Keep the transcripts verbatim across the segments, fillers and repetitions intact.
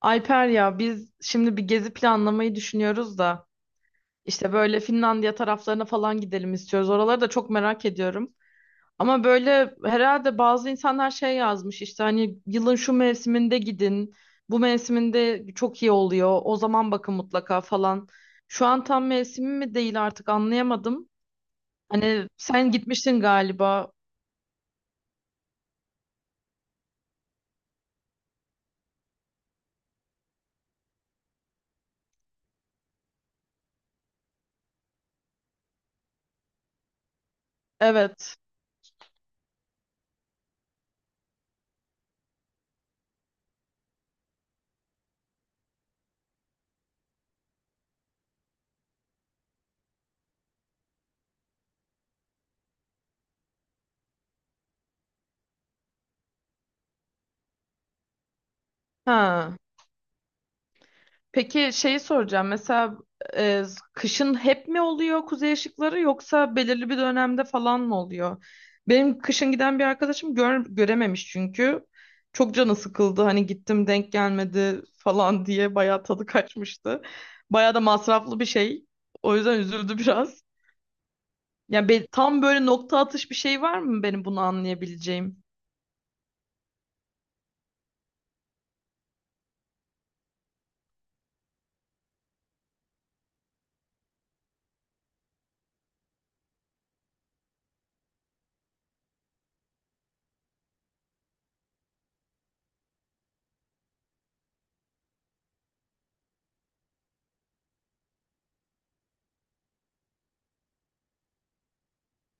Alper ya biz şimdi bir gezi planlamayı düşünüyoruz da işte böyle Finlandiya taraflarına falan gidelim istiyoruz. Oraları da çok merak ediyorum. Ama böyle herhalde bazı insanlar şey yazmış işte hani yılın şu mevsiminde gidin. Bu mevsiminde çok iyi oluyor. O zaman bakın mutlaka falan. Şu an tam mevsimi mi değil artık anlayamadım. Hani sen gitmiştin galiba. Evet. Ha. Peki şeyi soracağım. Mesela e, kışın hep mi oluyor kuzey ışıkları yoksa belirli bir dönemde falan mı oluyor? Benim kışın giden bir arkadaşım gör, görememiş çünkü. Çok canı sıkıldı. Hani gittim denk gelmedi falan diye bayağı tadı kaçmıştı. Bayağı da masraflı bir şey. O yüzden üzüldü biraz. Yani be- tam böyle nokta atış bir şey var mı benim bunu anlayabileceğim?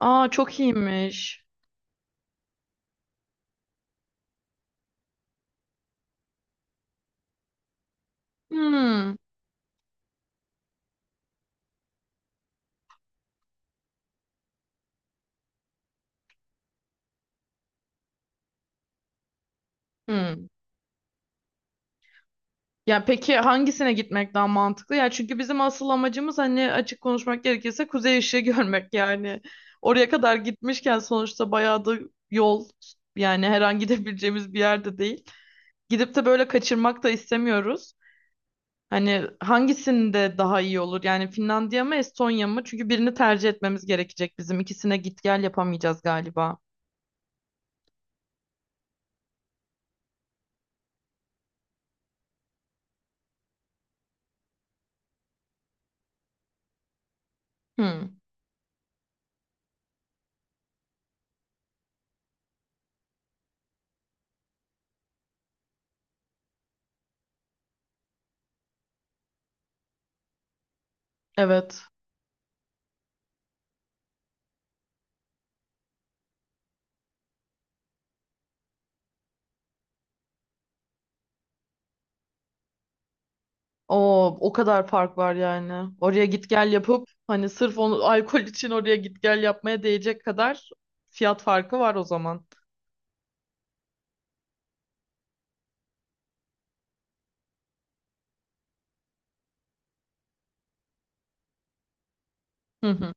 Aa çok iyiymiş. Hmm. Hmm. Ya peki hangisine gitmek daha mantıklı? Ya çünkü bizim asıl amacımız hani açık konuşmak gerekirse kuzey ışığı görmek yani. Oraya kadar gitmişken sonuçta bayağı da yol yani her an gidebileceğimiz bir yerde değil. Gidip de böyle kaçırmak da istemiyoruz. Hani hangisinde daha iyi olur? Yani Finlandiya mı Estonya mı? Çünkü birini tercih etmemiz gerekecek bizim. İkisine git gel yapamayacağız galiba. Hmm, evet. O o kadar fark var yani. Oraya git gel yapıp hani sırf onu alkol için oraya git gel yapmaya değecek kadar fiyat farkı var o zaman. Hı hı.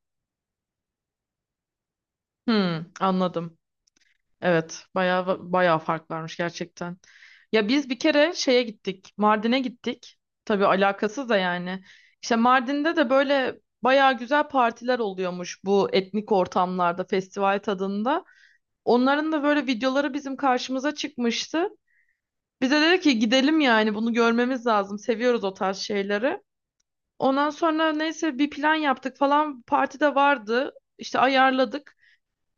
Hı, anladım. Evet, bayağı bayağı fark varmış gerçekten. Ya biz bir kere şeye gittik. Mardin'e gittik. Tabii alakasız da yani. İşte Mardin'de de böyle bayağı güzel partiler oluyormuş bu etnik ortamlarda, festival tadında. Onların da böyle videoları bizim karşımıza çıkmıştı. Bize dedi ki gidelim yani bunu görmemiz lazım. Seviyoruz o tarz şeyleri. Ondan sonra neyse bir plan yaptık falan. Parti de vardı. İşte ayarladık.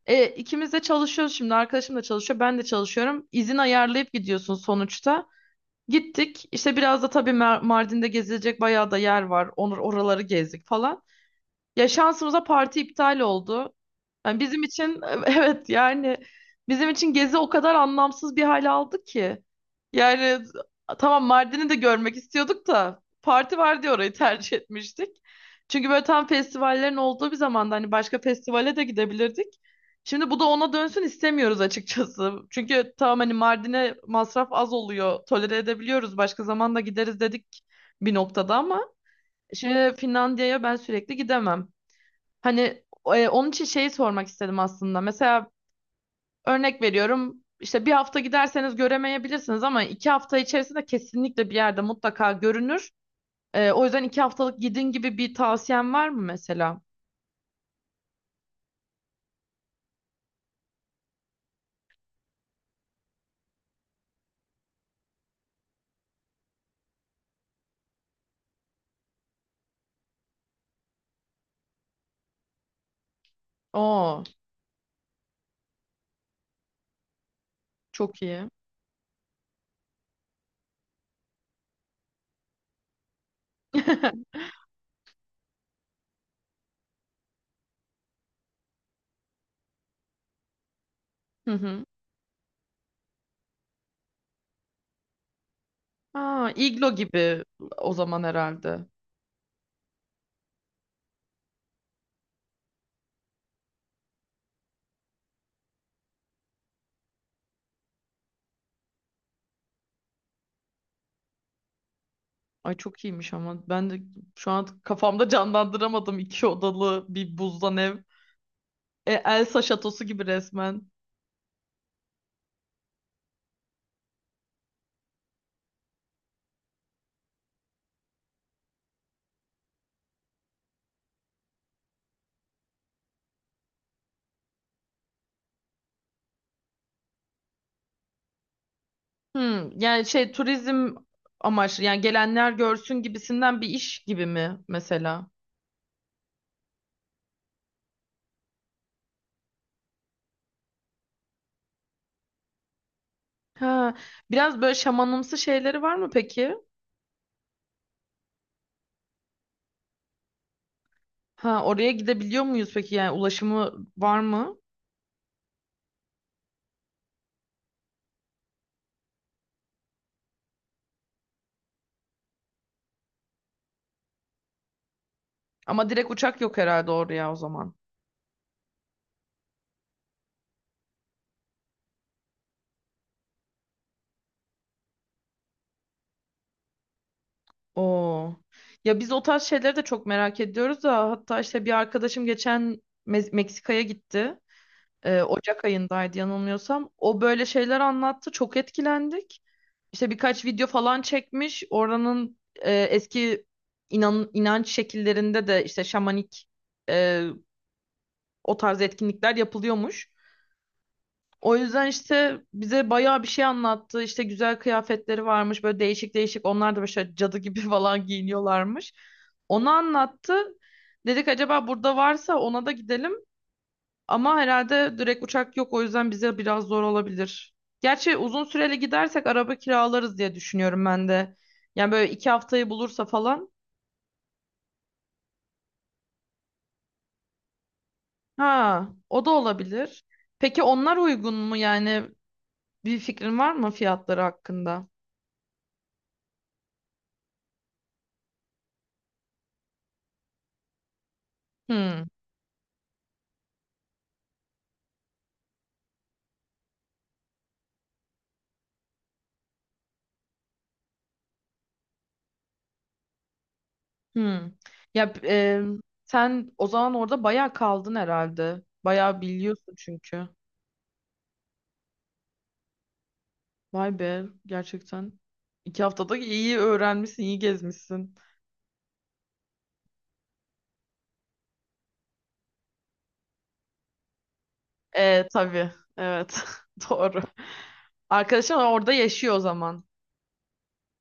E, ikimiz de çalışıyoruz şimdi. Arkadaşım da çalışıyor. Ben de çalışıyorum. İzin ayarlayıp gidiyorsun sonuçta. Gittik. İşte biraz da tabii Mer- Mardin'de gezilecek bayağı da yer var. Onur oraları gezdik falan. Ya şansımıza parti iptal oldu. Yani bizim için evet yani bizim için gezi o kadar anlamsız bir hal aldı ki. Yani tamam Mardin'i de görmek istiyorduk da parti var diye orayı tercih etmiştik. Çünkü böyle tam festivallerin olduğu bir zamanda hani başka festivale de gidebilirdik. Şimdi bu da ona dönsün istemiyoruz açıkçası. Çünkü tamam hani Mardin'e masraf az oluyor. Tolere edebiliyoruz. Başka zaman da gideriz dedik bir noktada ama şimdi Finlandiya'ya ben sürekli gidemem. Hani e, onun için şeyi sormak istedim aslında. Mesela örnek veriyorum işte bir hafta giderseniz göremeyebilirsiniz ama iki hafta içerisinde kesinlikle bir yerde mutlaka görünür. E, o yüzden iki haftalık gidin gibi bir tavsiyen var mı mesela? Oo, çok iyi. Hı hı. Aa, iglo gibi o zaman herhalde. Ay çok iyiymiş ama ben de şu an kafamda canlandıramadım iki odalı bir buzdan ev. E, Elsa şatosu gibi resmen. Hmm, yani şey turizm amaçlı yani gelenler görsün gibisinden bir iş gibi mi mesela? Ha, biraz böyle şamanımsı şeyleri var mı peki? Ha, oraya gidebiliyor muyuz peki yani ulaşımı var mı? Ama direkt uçak yok herhalde oraya o zaman. Oo. Ya biz o tarz şeyleri de çok merak ediyoruz da hatta işte bir arkadaşım geçen Me- Meksika'ya gitti. Ee, Ocak ayındaydı yanılmıyorsam. O böyle şeyler anlattı. Çok etkilendik. İşte birkaç video falan çekmiş. Oranın e, eski inan, inanç şekillerinde de işte şamanik e, o tarz etkinlikler yapılıyormuş. O yüzden işte bize bayağı bir şey anlattı. İşte güzel kıyafetleri varmış böyle değişik değişik. Onlar da böyle şöyle cadı gibi falan giyiniyorlarmış. Onu anlattı. Dedik acaba burada varsa ona da gidelim. Ama herhalde direkt uçak yok o yüzden bize biraz zor olabilir. Gerçi uzun süreli gidersek araba kiralarız diye düşünüyorum ben de. Yani böyle iki haftayı bulursa falan. Ha, o da olabilir. Peki onlar uygun mu yani bir fikrin var mı fiyatları hakkında? Hmm, hmm. Ya e, sen o zaman orada bayağı kaldın herhalde. Bayağı biliyorsun çünkü. Vay be gerçekten. iki haftada iyi öğrenmişsin, iyi gezmişsin. E, tabii. Evet. Doğru. Arkadaşın orada yaşıyor o zaman.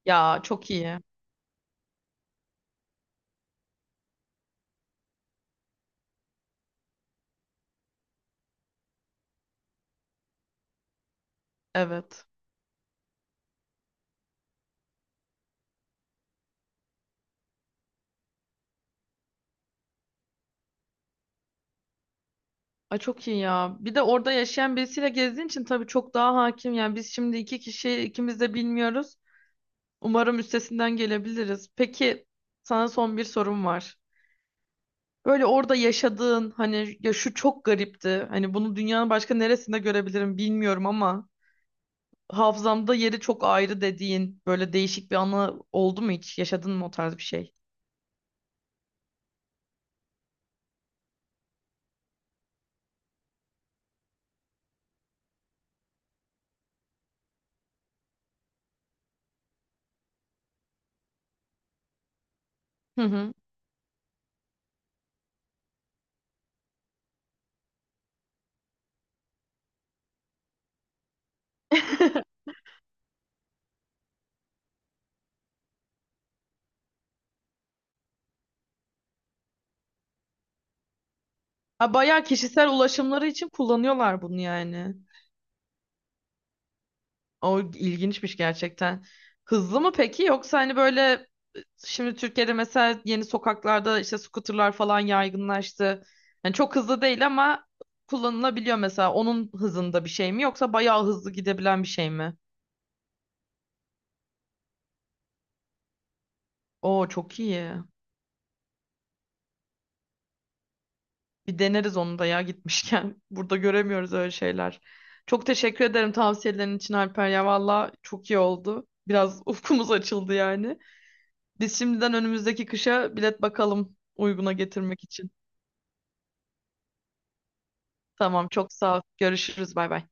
Ya çok iyi. Evet. Ay çok iyi ya. Bir de orada yaşayan birisiyle gezdiğin için tabii çok daha hakim. Yani biz şimdi iki kişi ikimiz de bilmiyoruz. Umarım üstesinden gelebiliriz. Peki sana son bir sorum var. Böyle orada yaşadığın hani ya şu çok garipti. Hani bunu dünyanın başka neresinde görebilirim bilmiyorum ama hafızamda yeri çok ayrı dediğin böyle değişik bir anı oldu mu hiç? Yaşadın mı o tarz bir şey? Hı hı. Ha, bayağı kişisel ulaşımları için kullanıyorlar bunu yani. O ilginçmiş gerçekten. Hızlı mı peki yoksa hani böyle şimdi Türkiye'de mesela yeni sokaklarda işte scooterlar falan yaygınlaştı. Yani çok hızlı değil ama kullanılabiliyor mesela. Onun hızında bir şey mi yoksa bayağı hızlı gidebilen bir şey mi? Oo çok iyi. Bir deneriz onu da ya gitmişken. Burada göremiyoruz öyle şeyler. Çok teşekkür ederim tavsiyelerin için Alper ya. Valla çok iyi oldu. Biraz ufkumuz açıldı yani. Biz şimdiden önümüzdeki kışa bilet bakalım uyguna getirmek için. Tamam çok sağ ol. Görüşürüz bay bay.